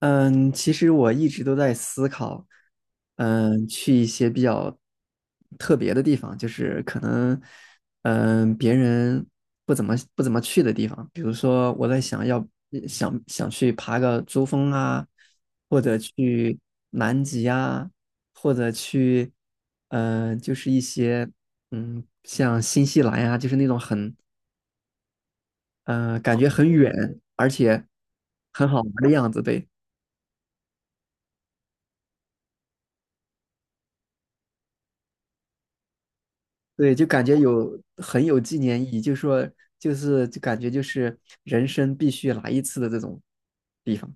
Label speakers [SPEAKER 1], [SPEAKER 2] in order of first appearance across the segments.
[SPEAKER 1] 嗯，其实我一直都在思考，去一些比较特别的地方，就是可能，别人不怎么去的地方，比如说我在想要想想去爬个珠峰啊，或者去南极啊，或者去，就是一些，像新西兰呀、就是那种很，嗯，感觉很远，而且很好玩的样子，对。对，就感觉很有纪念意义，就说就是就感觉就是人生必须来一次的这种地方，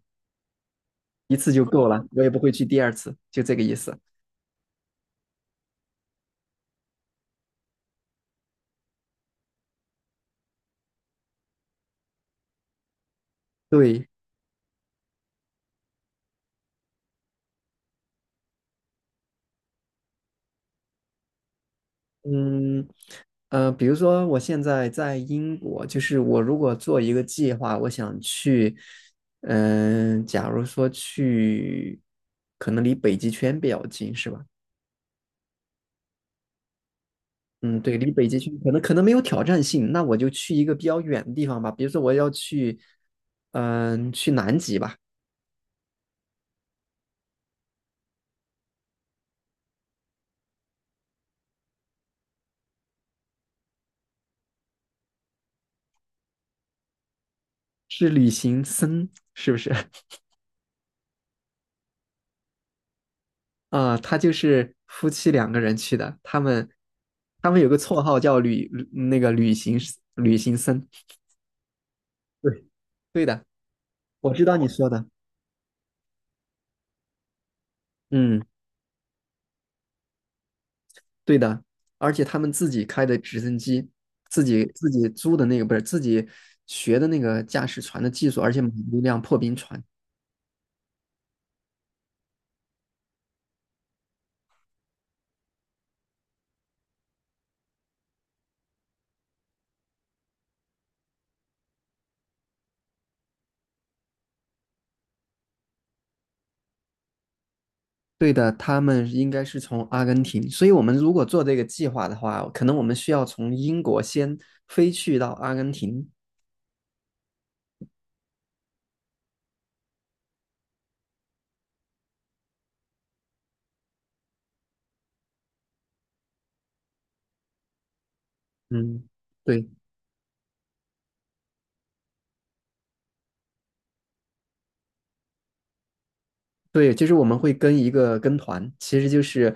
[SPEAKER 1] 一次就够了，我也不会去第二次，就这个意思。对，嗯比如说我现在在英国，就是我如果做一个计划，我想去，假如说去，可能离北极圈比较近，是吧？嗯，对，离北极圈可能没有挑战性，那我就去一个比较远的地方吧，比如说我要去，去南极吧，是旅行僧是不是？啊，他就是夫妻两个人去的，他们有个绰号叫旅那个旅行旅行僧，对，对的，我知道你说的，嗯，对的，而且他们自己开的直升机，自己租的那个不是自己学的那个驾驶船的技术，而且买了一辆破冰船。对的，他们应该是从阿根廷，所以我们如果做这个计划的话，可能我们需要从英国先飞去到阿根廷。嗯，对。对，就是我们会跟一个跟团，其实就是，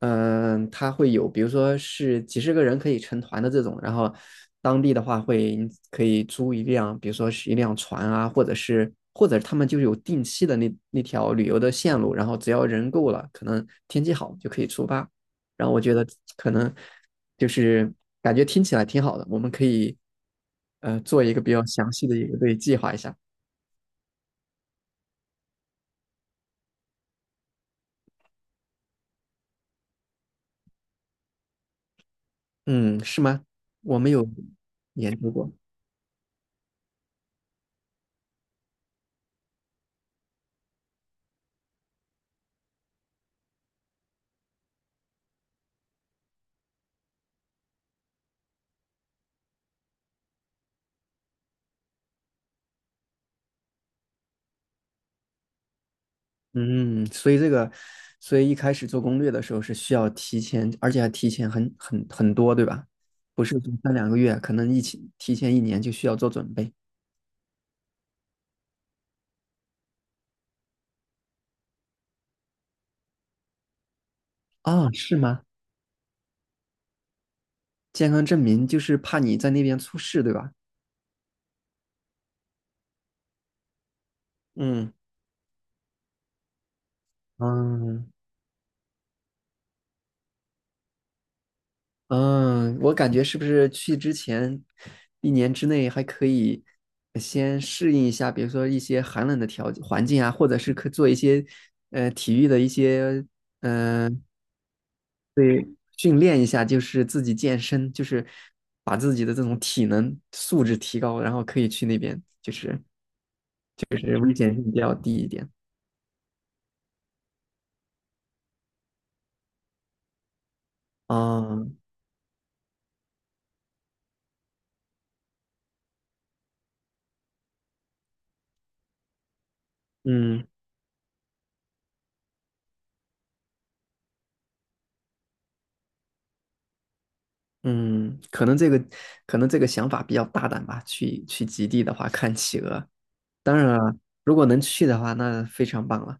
[SPEAKER 1] 他会有，比如说是几十个人可以成团的这种，然后当地的话会可以租一辆，比如说是一辆船啊，或者他们就有定期的那条旅游的线路，然后只要人够了，可能天气好就可以出发。然后我觉得可能就是感觉听起来挺好的，我们可以做一个比较详细的一个对计划一下。嗯，是吗？我没有研究过。嗯，所以这个，所以一开始做攻略的时候是需要提前，而且还提前很多，对吧？不是说三两个月，可能一起提前一年就需要做准备啊，是吗？健康证明就是怕你在那边出事，对吧？嗯嗯嗯，我感觉是不是去之前一年之内还可以先适应一下，比如说一些寒冷的环境啊，或者是可做一些体育的一些。嗯、对，训练一下，就是自己健身，就是把自己的这种体能素质提高，然后可以去那边，就是危险性比较低一点。啊，嗯嗯，可能这个想法比较大胆吧。去极地的话，看企鹅。当然了，如果能去的话，那非常棒了。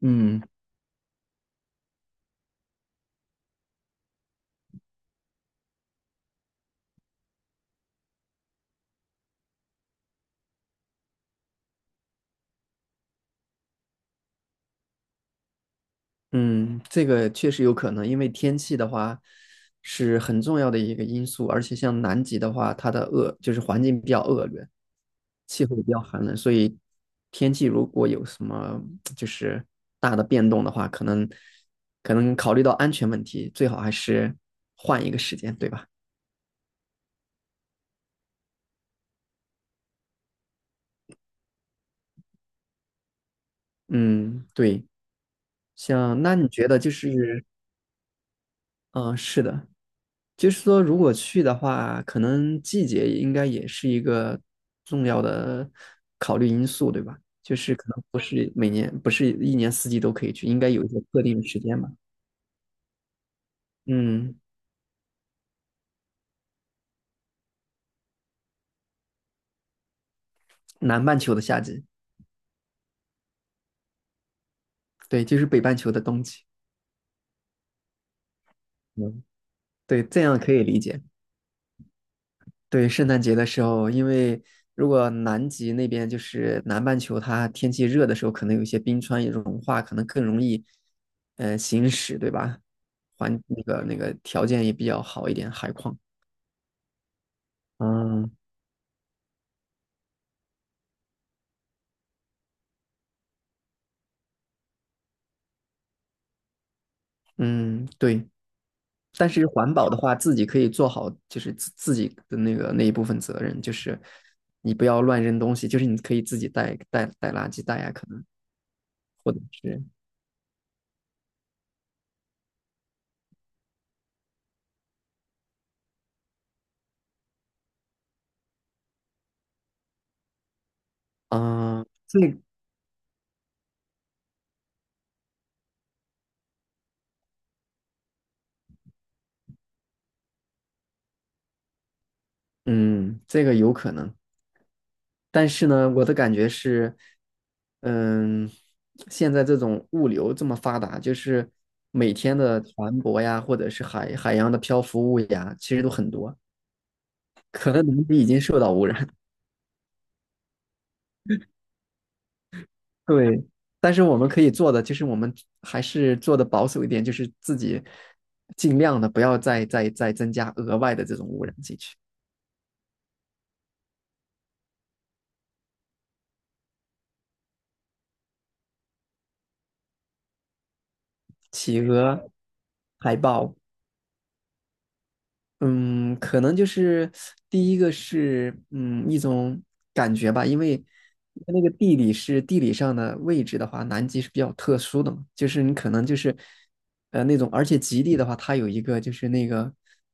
[SPEAKER 1] 嗯。嗯，这个确实有可能，因为天气的话是很重要的一个因素，而且像南极的话，它的就是环境比较恶劣，气候比较寒冷，所以天气如果有什么就是大的变动的话，可能考虑到安全问题，最好还是换一个时间，对吧？嗯，对，像那你觉得就是，嗯，是的，就是说，如果去的话，可能季节应该也是一个重要的考虑因素，对吧？就是可能不是每年，不是一年四季都可以去，应该有一些特定的时间吧。嗯，南半球的夏季，对，就是北半球的冬季。嗯，对，这样可以理解。对，圣诞节的时候，因为如果南极那边就是南半球，它天气热的时候，可能有一些冰川也融化，可能更容易，行驶，对吧？环那个那个条件也比较好一点，海况。嗯嗯，对。但是环保的话，自己可以做好，就是自己的那个那一部分责任，就是你不要乱扔东西，就是你可以自己带垃圾袋啊，可能或者是嗯，这嗯这个有可能。但是呢，我的感觉是，嗯，现在这种物流这么发达，就是每天的船舶呀，或者是海洋的漂浮物呀，其实都很多，可能南极已经受到污染。对，但是我们可以做的就是，我们还是做的保守一点，就是自己尽量的不要再增加额外的这种污染进去，企鹅、海豹。嗯，可能就是第一个是一种感觉吧，因为地理上的位置的话，南极是比较特殊的嘛，就是你可能就是那种，而且极地的话，它有一个就是那个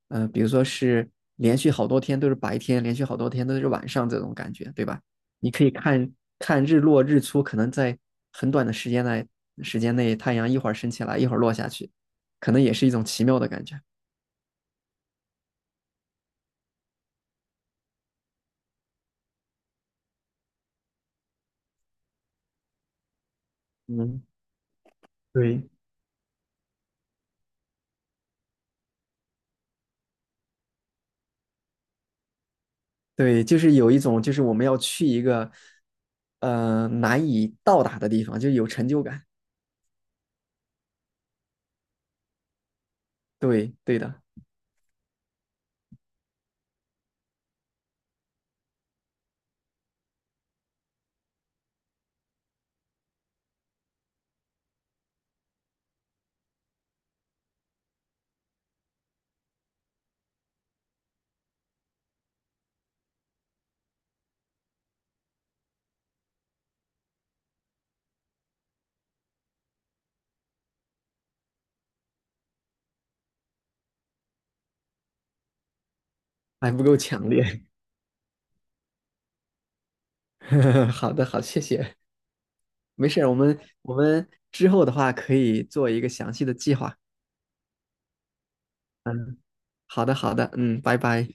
[SPEAKER 1] 比如说是连续好多天都是白天，连续好多天都是晚上这种感觉，对吧？你可以看看日落日出，可能在很短的时间内，太阳一会儿升起来，一会儿落下去，可能也是一种奇妙的感觉。嗯，对。对，就是有一种，就是我们要去一个，难以到达的地方，就有成就感。对，对的，还不够强烈。好的，好，谢谢，没事儿我们之后的话可以做一个详细的计划。好的，好的，嗯，拜拜。